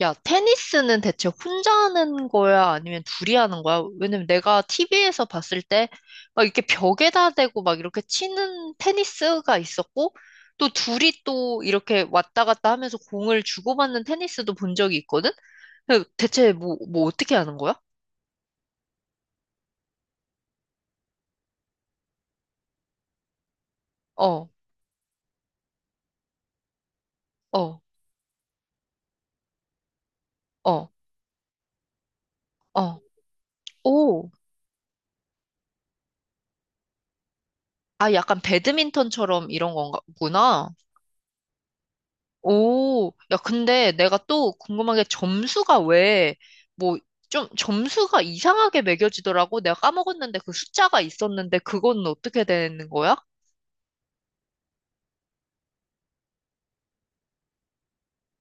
야, 테니스는 대체 혼자 하는 거야? 아니면 둘이 하는 거야? 왜냐면 내가 TV에서 봤을 때 막 이렇게 벽에다 대고 막 이렇게 치는 테니스가 있었고 또 둘이 또 이렇게 왔다 갔다 하면서 공을 주고받는 테니스도 본 적이 있거든? 근데 대체 뭐 어떻게 하는 거야? 어, 어, 어, 어. 오. 아, 약간 배드민턴처럼 이런 건가, 구나. 오, 야, 근데 내가 또 궁금한 게 점수가 왜, 뭐, 좀 점수가 이상하게 매겨지더라고. 내가 까먹었는데 그 숫자가 있었는데 그건 어떻게 되는 거야?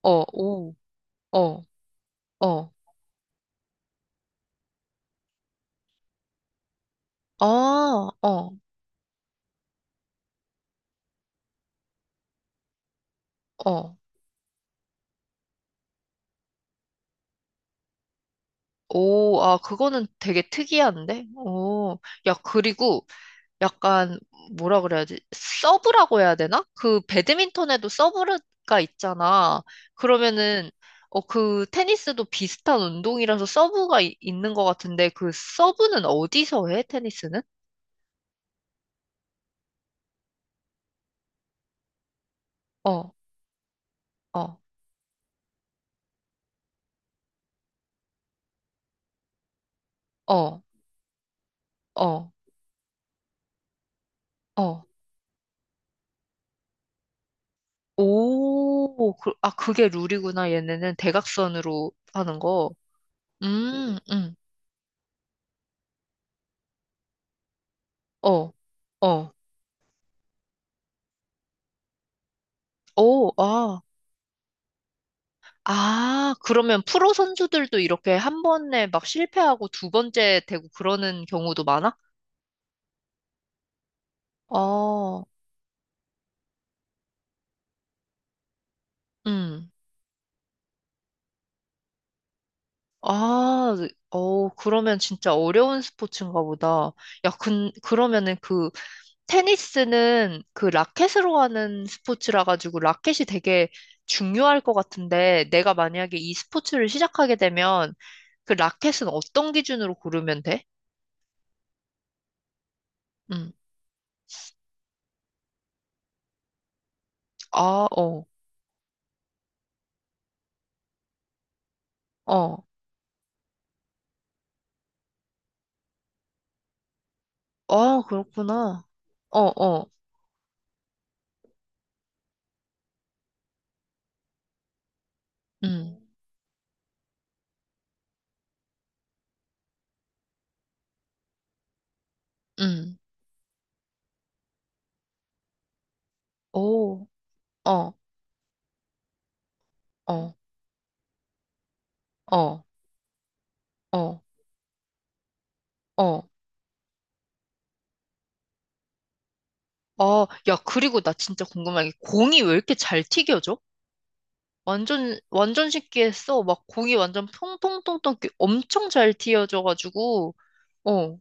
어, 오, 어, 어, 아, 어, 어. 오, 아, 그거는 되게 특이한데? 오, 야, 그리고 약간 뭐라 그래야지? 서브라고 해야 되나? 그 배드민턴에도 서브가 있잖아. 그러면은 어, 그 테니스도 비슷한 운동이라서 있는 것 같은데 그 서브는 어디서 해? 테니스는? 어, 어, 어, 어, 어. 오, 그, 아, 그게 룰이구나. 얘네는 대각선으로 하는 거. 음, 음, 어, 어. 오, 아. 아, 그러면 프로 선수들도 이렇게 한 번에 막 실패하고 두 번째 되고 그러는 경우도 많아? 어, 음. 아, 어, 그러면 진짜 어려운 스포츠인가 보다. 야, 그러면은 그, 테니스는 그 라켓으로 하는 스포츠라 가지고 라켓이 되게 중요할 것 같은데, 내가 만약에 이 스포츠를 시작하게 되면 그 라켓은 어떤 기준으로 고르면 돼? 음. 아, 어, 어. 아, 그렇구나. 어어. 음, 음, 오, 어, 어, 어, 어, 어, 어, 야, 그리고 나 진짜 궁금한 게 공이 왜 이렇게 잘 튀겨져? 완전, 완전 쉽게 했어. 막 공이 완전 통통통통 이렇게 엄청 잘 튀어져가지고, 어,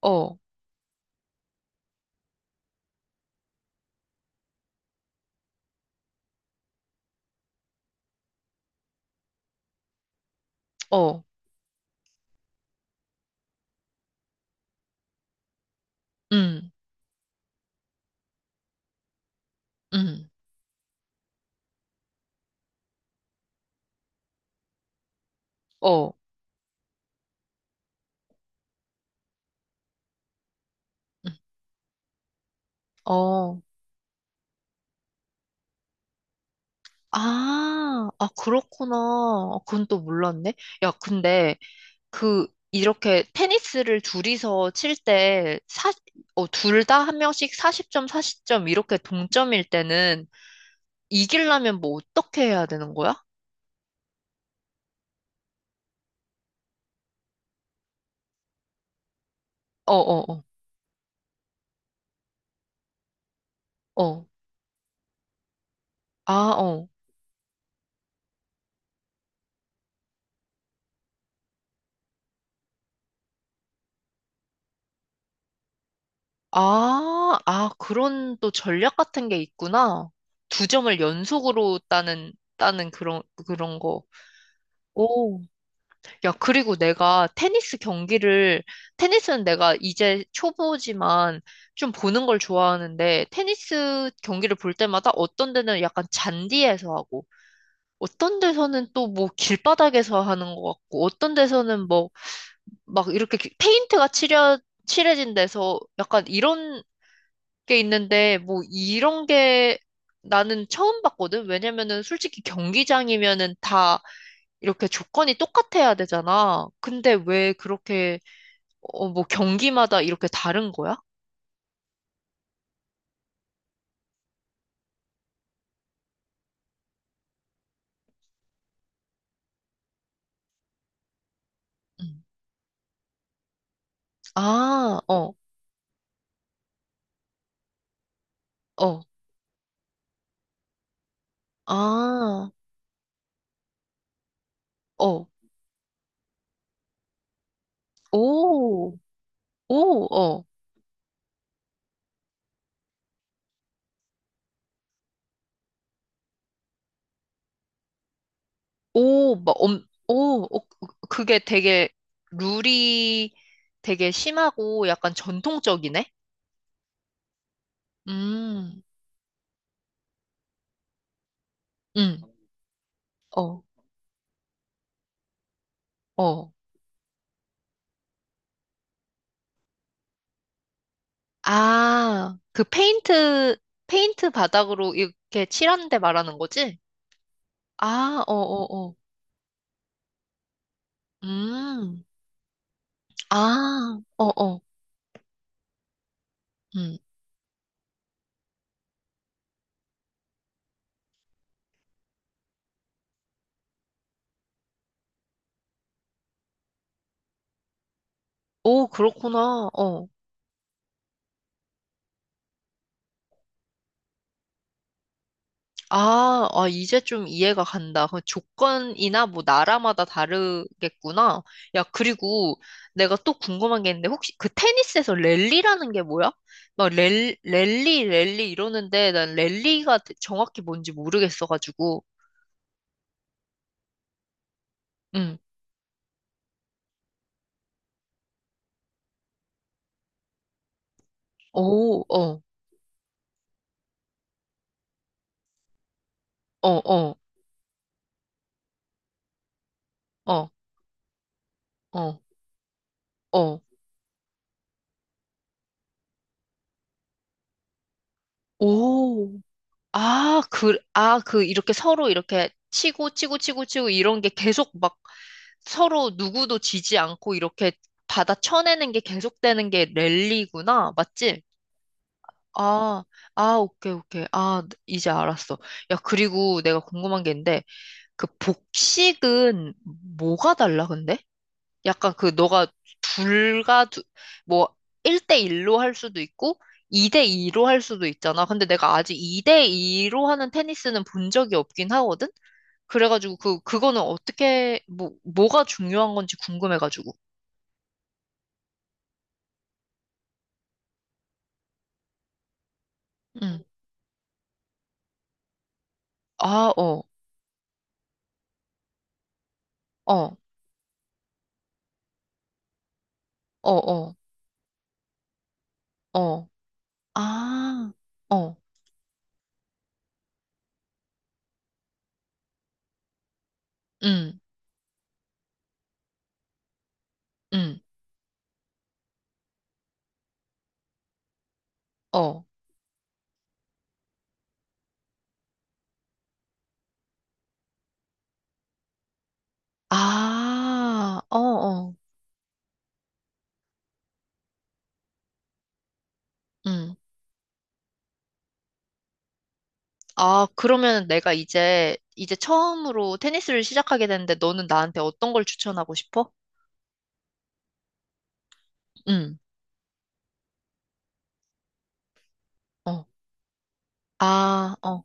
어, 어, 음, 음, 어, 음, 어. 아, 아, 그렇구나. 아, 그건 또 몰랐네. 야, 근데 그, 이렇게 테니스를 둘이서 칠 때, 사, 어, 둘 다 한 명씩 40점, 40점 이렇게 동점일 때는 이기려면 뭐 어떻게 해야 되는 거야? 어, 어, 어, 어. 아, 어. 아, 아, 그런 또 전략 같은 게 있구나. 두 점을 연속으로 따는 그런, 그런 거. 오. 야, 그리고 내가 테니스 경기를, 테니스는 내가 이제 초보지만 좀 보는 걸 좋아하는데, 테니스 경기를 볼 때마다 어떤 데는 약간 잔디에서 하고, 어떤 데서는 또 뭐 길바닥에서 하는 것 같고, 어떤 데서는 뭐 막 이렇게 페인트가 칠해진 데서 약간 이런 게 있는데, 뭐 이런 게 나는 처음 봤거든? 왜냐면은 솔직히 경기장이면은 다 이렇게 조건이 똑같아야 되잖아. 근데 왜 그렇게, 어, 뭐 경기마다 이렇게 다른 거야? 음. 아, 어, 어, 아, 어, 오, 오, 어, 오, 막, 엄, 오, 어, 그게 되게 룰이 되게 심하고 약간 전통적이네? 음, 음, 어, 어. 아, 그 페인트, 페인트 바닥으로 이렇게 칠하는 데 말하는 거지? 아, 어, 어, 어. 음, 아, 어어, 음. 오, 그렇구나, 어. 아, 아, 이제 좀 이해가 간다. 그 조건이나 뭐 나라마다 다르겠구나. 야, 그리고 내가 또 궁금한 게 있는데, 혹시 그 테니스에서 랠리라는 게 뭐야? 막 랠리 이러는데 난 랠리가 정확히 뭔지 모르겠어가지고. 음. 오, 어, 어, 어, 어, 어, 어. 오, 아, 그, 아, 그, 이렇게 서로 이렇게 치고, 치고, 치고, 치고, 이런 게 계속 막 서로 누구도 지지 않고 이렇게 받아 쳐내는 게 계속되는 게 랠리구나. 맞지? 아, 아, 오케이, 오케이. 아, 이제 알았어. 야, 그리고 내가 궁금한 게 있는데, 그 복식은 뭐가 달라, 근데? 약간 그 너가 둘과 두, 뭐 1대1로 할 수도 있고 2대2로 할 수도 있잖아. 근데 내가 아직 2대2로 하는 테니스는 본 적이 없긴 하거든? 그래가지고 그, 그거는 어떻게, 뭐, 뭐가 중요한 건지 궁금해가지고. 응. 아, 어, 어, 어, 어, 어. 아, 어, 응, 응, 어. 아, 어, 어. 응. 아, 그러면 내가 이제, 이제 처음으로 테니스를 시작하게 되는데 너는 나한테 어떤 걸 추천하고 싶어? 응, 어. 아, 어,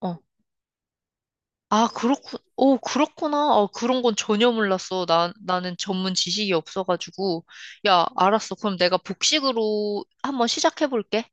어. 아, 오, 그렇구나. 어, 그런 건 전혀 몰랐어. 나, 나는 전문 지식이 없어가지고. 야, 알았어. 그럼 내가 복식으로 한번 시작해볼게.